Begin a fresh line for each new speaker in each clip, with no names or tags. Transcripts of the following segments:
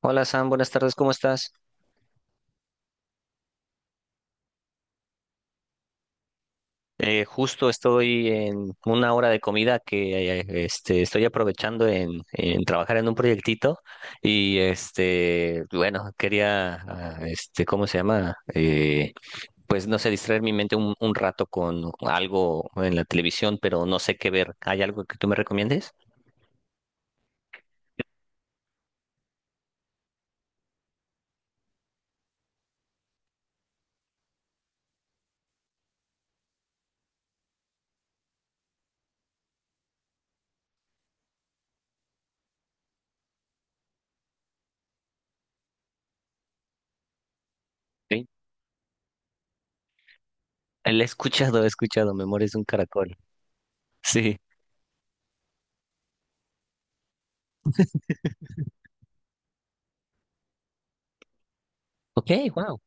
Hola Sam, buenas tardes, ¿cómo estás? Justo estoy en una hora de comida que estoy aprovechando en trabajar en un proyectito y este, bueno, quería, ¿cómo se llama? Pues no sé, distraer mi mente un rato con algo en la televisión, pero no sé qué ver. ¿Hay algo que tú me recomiendes? Sí. La he escuchado, Memorias de un caracol. Sí. Ok, wow.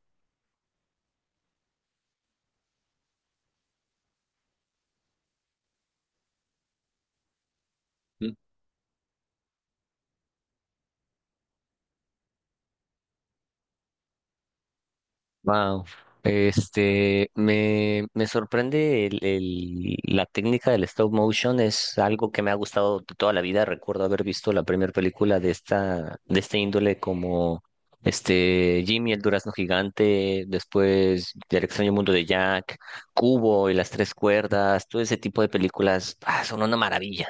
Wow. Este, me sorprende la técnica del stop motion, es algo que me ha gustado de toda la vida. Recuerdo haber visto la primera película de esta, de este índole como este Jimmy, el durazno gigante, después El extraño mundo de Jack, Cubo y las tres cuerdas, todo ese tipo de películas, ah, son una maravilla.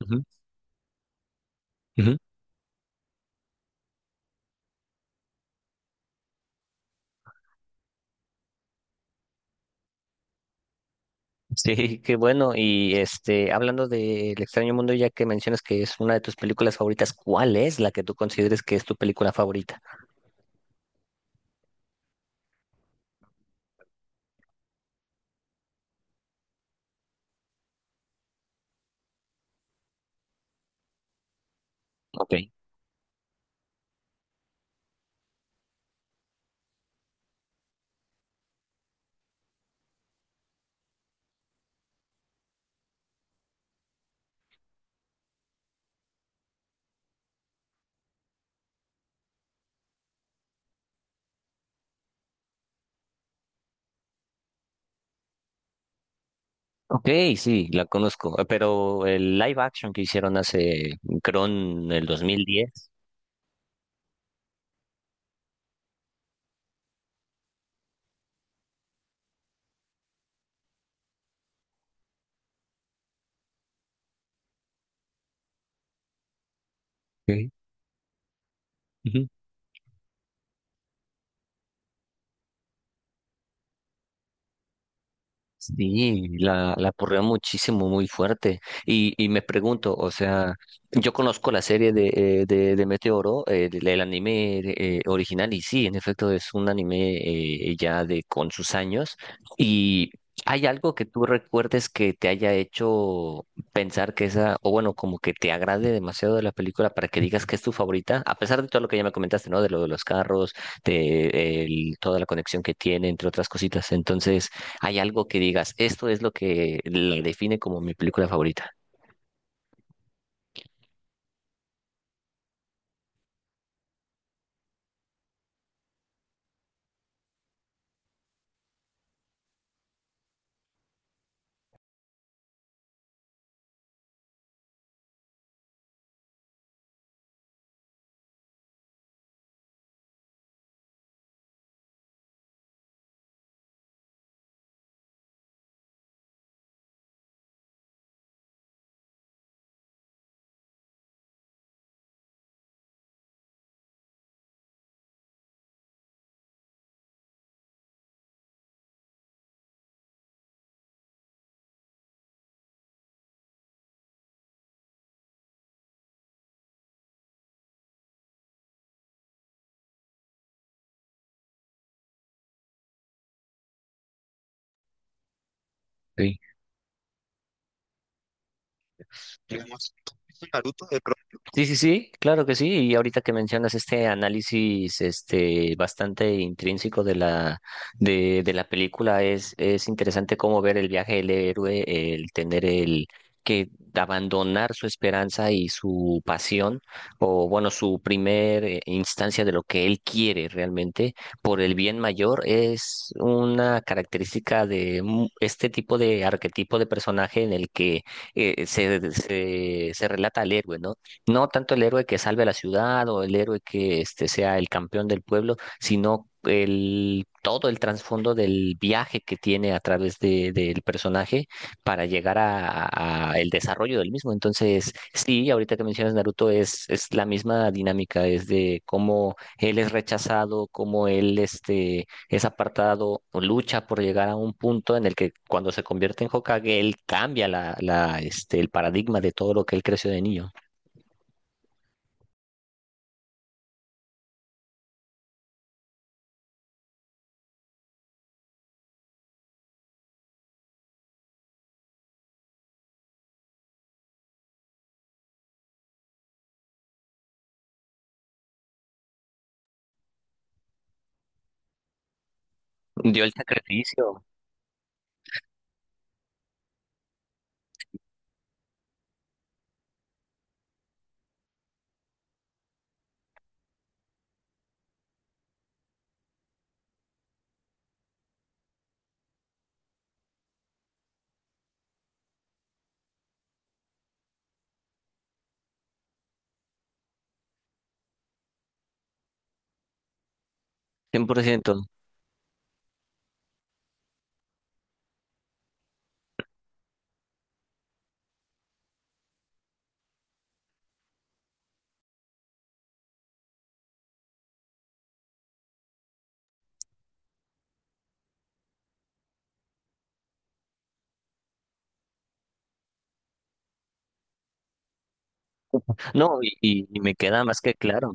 Ujú, ujú. Sí, qué bueno. Y este, hablando de El extraño mundo, ya que mencionas que es una de tus películas favoritas, ¿cuál es la que tú consideres que es tu película favorita? Ok. Ok, sí, la conozco, pero el live action que hicieron hace, creo, en el 2010. Ok. Sí, la aporreó muchísimo, muy fuerte. Y me pregunto, o sea, yo conozco la serie de, de Meteoro, anime original, y sí, en efecto es un anime ya de con sus años. ¿Y hay algo que tú recuerdes que te haya hecho pensar que esa, o bueno, como que te agrade demasiado de la película para que digas que es tu favorita? A pesar de todo lo que ya me comentaste, ¿no? De lo de los carros, de toda la conexión que tiene, entre otras cositas. Entonces... ¿Hay algo que digas, esto es lo que la define como mi película favorita? Ok. Sí, sí, sí, claro que sí. Y ahorita que mencionas este análisis, este, bastante intrínseco de la película, es interesante cómo ver el viaje del héroe, el tener el que abandonar su esperanza y su pasión, o bueno, su primer instancia de lo que él quiere realmente por el bien mayor, es una característica de este tipo de arquetipo de personaje en el que se relata al héroe, ¿no? No tanto el héroe que salve a la ciudad o el héroe que este, sea el campeón del pueblo, sino el, todo el trasfondo del viaje que tiene a través del personaje para llegar a, a el desarrollo del mismo. Entonces, sí, ahorita que mencionas Naruto es la misma dinámica, es de cómo él es rechazado, cómo él este, es apartado o lucha por llegar a un punto en el que cuando se convierte en Hokage, él cambia el paradigma de todo lo que él creció de niño. Dio el sacrificio, 100%. No, y me queda más que claro.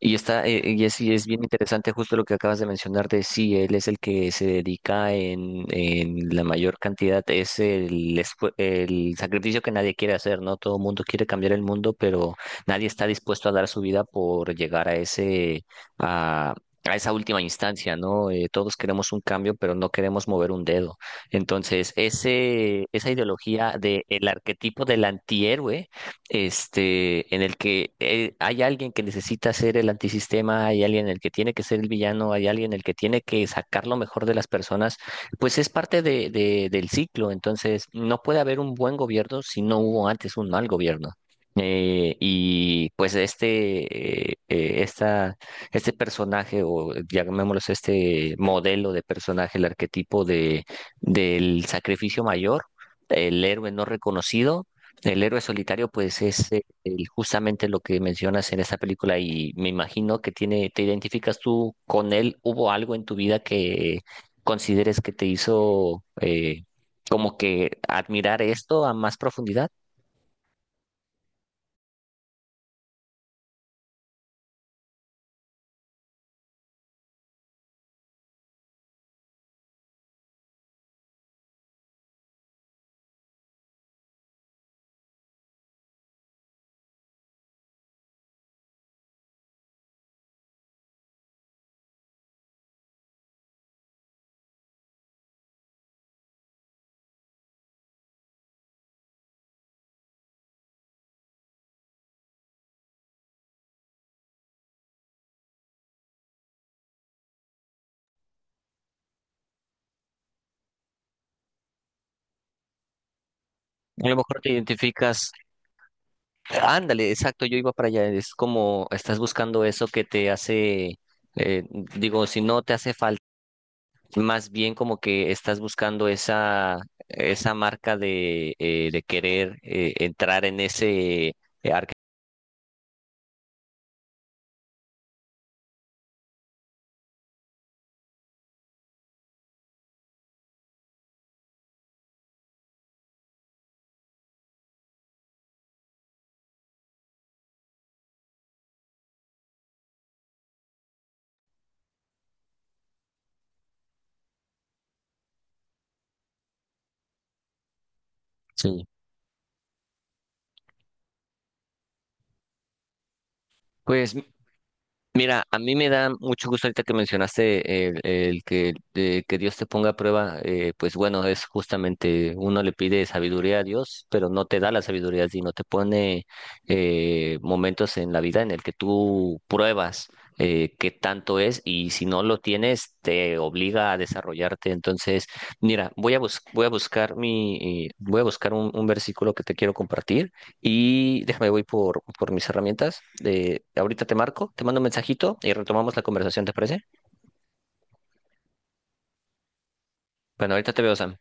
Y está, y es bien interesante justo lo que acabas de mencionar de sí, él es el que se dedica en la mayor cantidad, es el, el sacrificio que nadie quiere hacer, ¿no? Todo el mundo quiere cambiar el mundo, pero nadie está dispuesto a dar su vida por llegar a a, a esa última instancia, ¿no? Todos queremos un cambio, pero no queremos mover un dedo. Entonces, esa ideología del arquetipo del antihéroe este, en el que hay alguien que necesita ser el antisistema, hay alguien en el que tiene que ser el villano, hay alguien en el que tiene que sacar lo mejor de las personas, pues es parte del ciclo. Entonces, no puede haber un buen gobierno si no hubo antes un mal gobierno. Eh, y pues este, eh, eh, esta, este personaje, o llamémoslo este modelo de personaje, el arquetipo del sacrificio mayor, el héroe no reconocido, el héroe solitario, pues es justamente lo que mencionas en esta película y me imagino que tiene, te identificas tú con él. ¿Hubo algo en tu vida que consideres que te hizo como que admirar esto a más profundidad? A lo mejor te identificas, ándale, exacto, yo iba para allá. Es como estás buscando eso que te hace, eh, si no te hace falta más bien como que estás buscando esa marca de querer entrar en ese... Sí. Pues mira, a mí me da mucho gusto ahorita que mencionaste el que, de que Dios te ponga a prueba, pues bueno, es justamente uno le pide sabiduría a Dios, pero no te da la sabiduría, sino te pone momentos en la vida en el que tú pruebas qué tanto es y si no lo tienes te obliga a desarrollarte. Entonces, mira, voy a buscar voy a buscar un versículo que te quiero compartir y déjame, voy por mis herramientas. De, ahorita te marco, te mando un mensajito y retomamos la conversación, ¿te parece? Bueno, ahorita te veo, Sam.